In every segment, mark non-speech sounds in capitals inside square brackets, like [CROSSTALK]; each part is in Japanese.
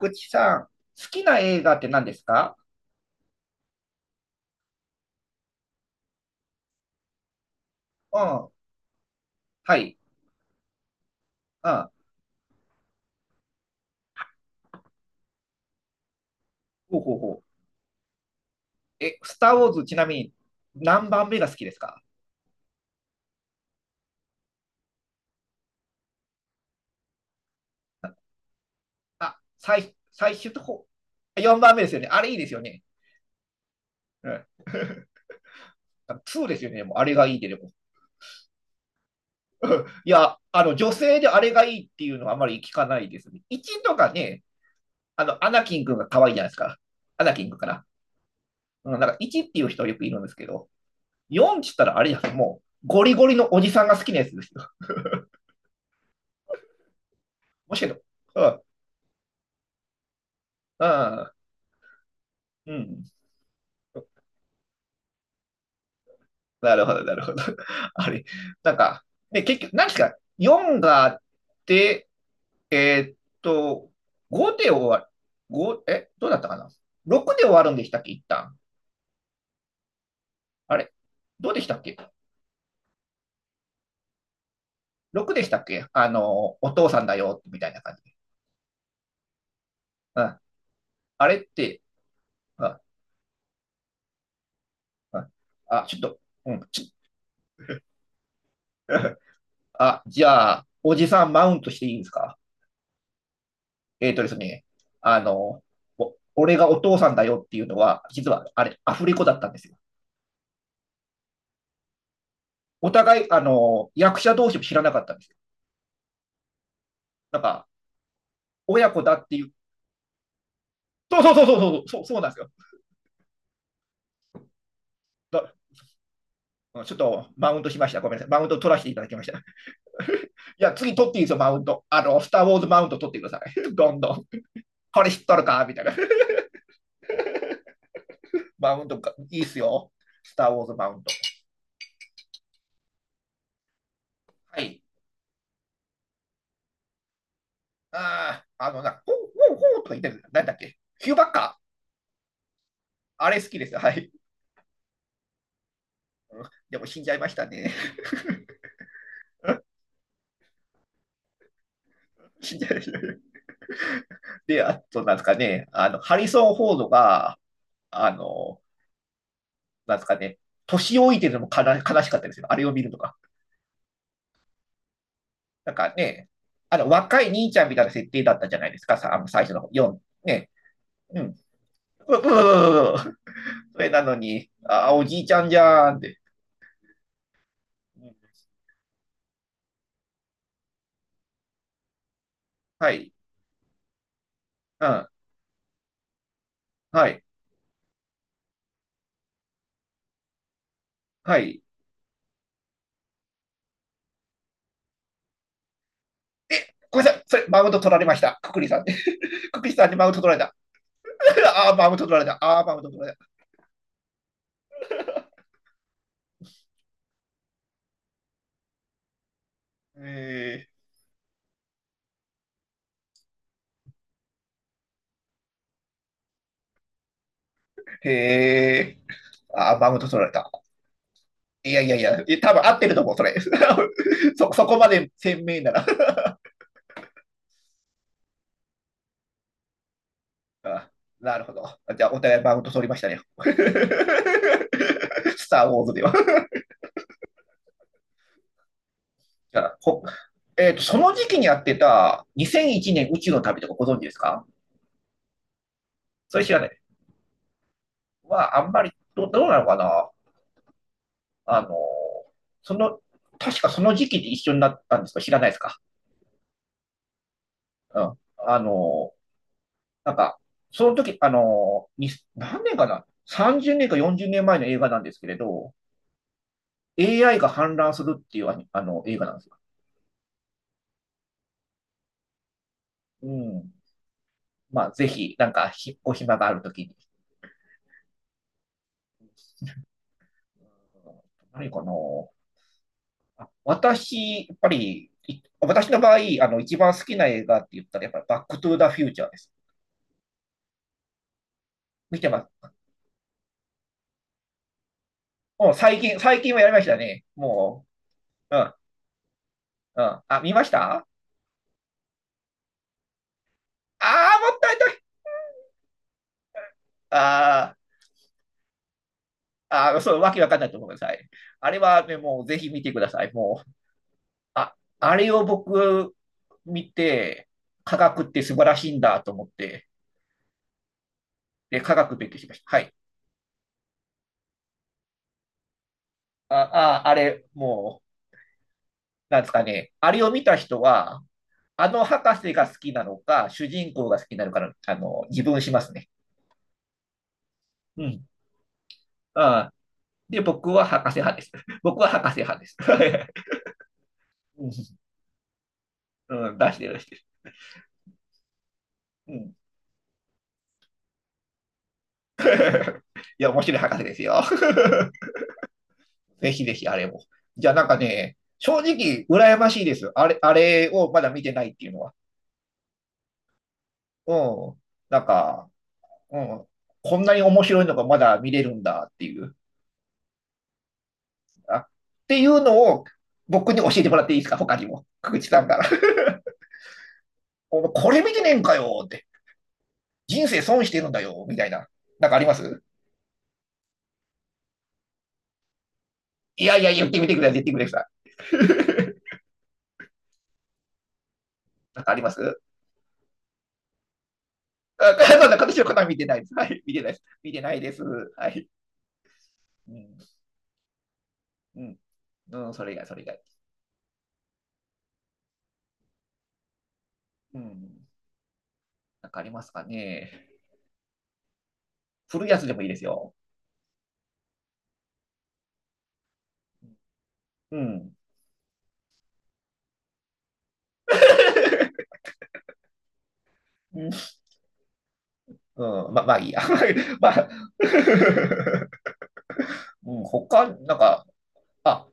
ぐちさん、好きな映画って何ですか？うん。はい。うん。ほうほうほう。え、スター・ウォーズ、ちなみに何番目が好きですか？あ、最、最終とこ、4番目ですよね。あれいいですよね。うん。[LAUGHS] 2ですよね。もうあれがいいで、でも。[LAUGHS] いや、女性であれがいいっていうのはあまり聞かないですね。1とかね。アナキン君が可愛いじゃないですか。アナキン君かな。うん、なんか1っていう人よくいるんですけど、4って言ったらあれですもう、ゴリゴリのおじさんが好きなやつですよ。むしろ、そう、うん、うん。なるほど、なるほど。[LAUGHS] あれ、なんか、で、結局、何ですか、4があって、えーっと、5で終わる、どうだったかな？ 6 で終わるんでしたっけ、一旦。あれ、どうでしたっけ？ 6 でしたっけ？お父さんだよ、みたいな感じ。うん。あれって、うん、うん。あ、ちょっと、うん、[LAUGHS] あ、じゃあ、おじさんマウントしていいですか？えっ、とですね、あの、俺がお父さんだよっていうのは、実はあれ、アフレコだったんですよ。お互い、役者同士も知らなかったんですよ。なんか、親子だっていう、そうそうそうそうそう、そうそうなんですよ。だちょっとマウントしました。ごめんなさい。マウント取らせていただきました。[LAUGHS] いや、次取っていいですよ、マウント。スター・ウォーズマウント取ってください。[LAUGHS] どんどん。これ知っとるかみたいな。[LAUGHS] マウントがいいっすよ。スター・ウォーズマウント。はい。ああ、あのな、ほうほうほうとか言ってる。なんだっけ、ヒューバッカー？あれ好きですよ。はい。でも死んじゃいましたね。[LAUGHS] 死んじゃいましたね。で、あと、なんですかね、ハリソン・フォードが、あの、なんですかね、年老いてるのも悲しかったですよ。あれを見るとか。なんかね、若い兄ちゃんみたいな設定だったじゃないですか、さ、最初の4。ね、うん。ううううそれなのに、ああ、おじいちゃんじゃーんって。はい、うん、はい、はい。ごめんなさい、それ、マウント取られました。くくりさんで。くくりさんにマウント取られた。[LAUGHS] ああ、マウント取られた。ああ、マウント取られた。えーへえ。あ、マウント取られた。いやいやいや、多分合ってると思う、それ。[LAUGHS] そこまで鮮明なら。[LAUGHS] あ、なるほど。じゃあ、お互いマウント取りましたね。[LAUGHS] スター・ウォーズでは。[LAUGHS] じゃあ、ほえっと、その時期にやってた2001年宇宙の旅とかご存知ですか？それ知らない。まああんまりどうなのかな。あの、その、確かその時期で一緒になったんですか？知らないですか？うん。なんか、その時、何年かな？ 30 年か40年前の映画なんですけれど、AI が氾濫するっていうあの映画なんですよ。うん。まあ、ぜひ、なんか、お暇がある時に。うん、何かな？あ、私、やっぱり、私の場合、一番好きな映画って言ったら、やっぱりバックトゥーザフューチャーです。見てます。もう最近はやりましたね。もう、うん、うん。あ、見ましたああー、もったいない。ああ。あ、そう、わけわかんないと思うください。あれはね、もうぜひ見てください。もう、あ、あれを僕見て、科学って素晴らしいんだと思って、で、科学勉強しました。はい。あ、あ、あれ、もう、なんですかね。あれを見た人は、あの博士が好きなのか、主人公が好きなのかの、自分しますね。うん。あ、で、僕は博士派です。[LAUGHS] 僕は博士派です。[LAUGHS] うん、うん出してる、出してる。うん。[LAUGHS] いや、面白い博士ですよ。ぜひぜひあれも。じゃあなんかね、正直羨ましいです。あれをまだ見てないっていうのは。うん。なんか、うん。こんなに面白いのがまだ見れるんだっていう。あ、っていうのを僕に教えてもらっていいですか？他にも。久口さんから。[LAUGHS] これ見てねえんかよって。人生損してるんだよみたいな。なんかあります？いやいや、言ってみてください。言ってみてください。なんかあります？あ、なんだ、形の方見てないです。はい。見てないです。見てないです。はい。うん。うん。うん、それ以外、それ以外。うん。なんかありますかね。古いやつでもいいですよ。うん。うんうん、まあいいや。[LAUGHS] まあ、[LAUGHS] うん、他、なんか、あ、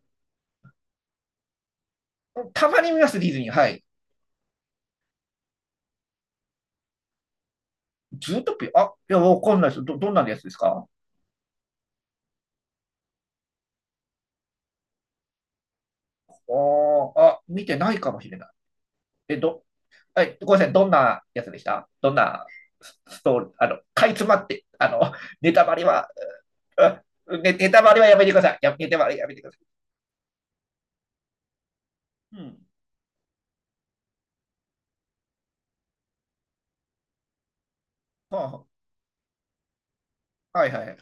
たまに見ます、ディズニー。はい。ズートピア、あ、いや、わかんないです。どんなやつですか？ああ、見てないかもしれない。え、はい、ごめんなさい。どんなやつでした？どんなストーリー、かいつまって、ネタバレは、ネタバレはやめてください。や、ネタバレやめてください。うん。はあ、はいはい。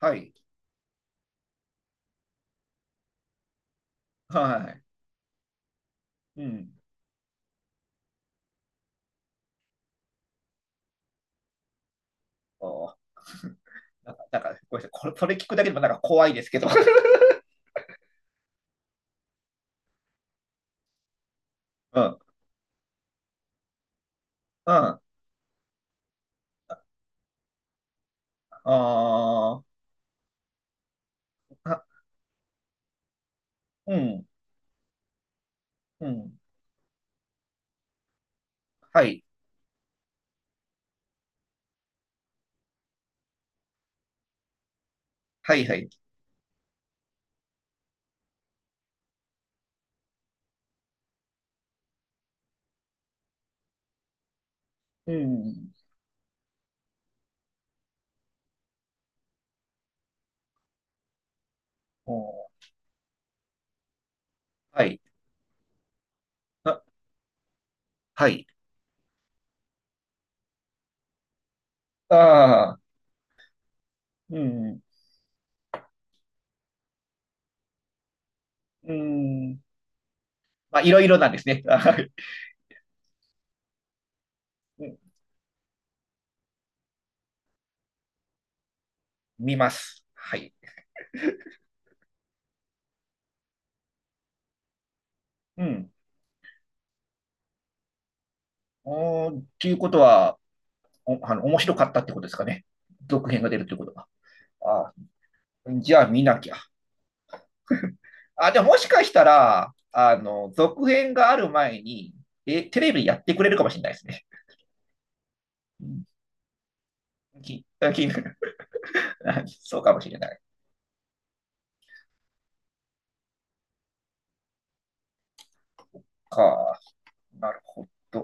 はい。はい。うん。おなんか、なんかごめんなさい。これ、それ聞くだけでもなんか怖いですけど。[LAUGHS] うん。うん。ああ、あ、うん。うん。はい。はい、はい。うん。おはい。あ、はい。ああ、うん。うん。まあ、いろいろなんですね。はい。うん。 [LAUGHS] 見ます。はい。うん。おー、っていうことは、お、面白かったってことですかね。続編が出るってことは。ああ、じゃあ見なきゃ。あ、じゃあもしかしたら、続編がある前に、え、テレビやってくれるかもしれないですね。うんき、き、[LAUGHS] そうかもしれない。か、なるほど。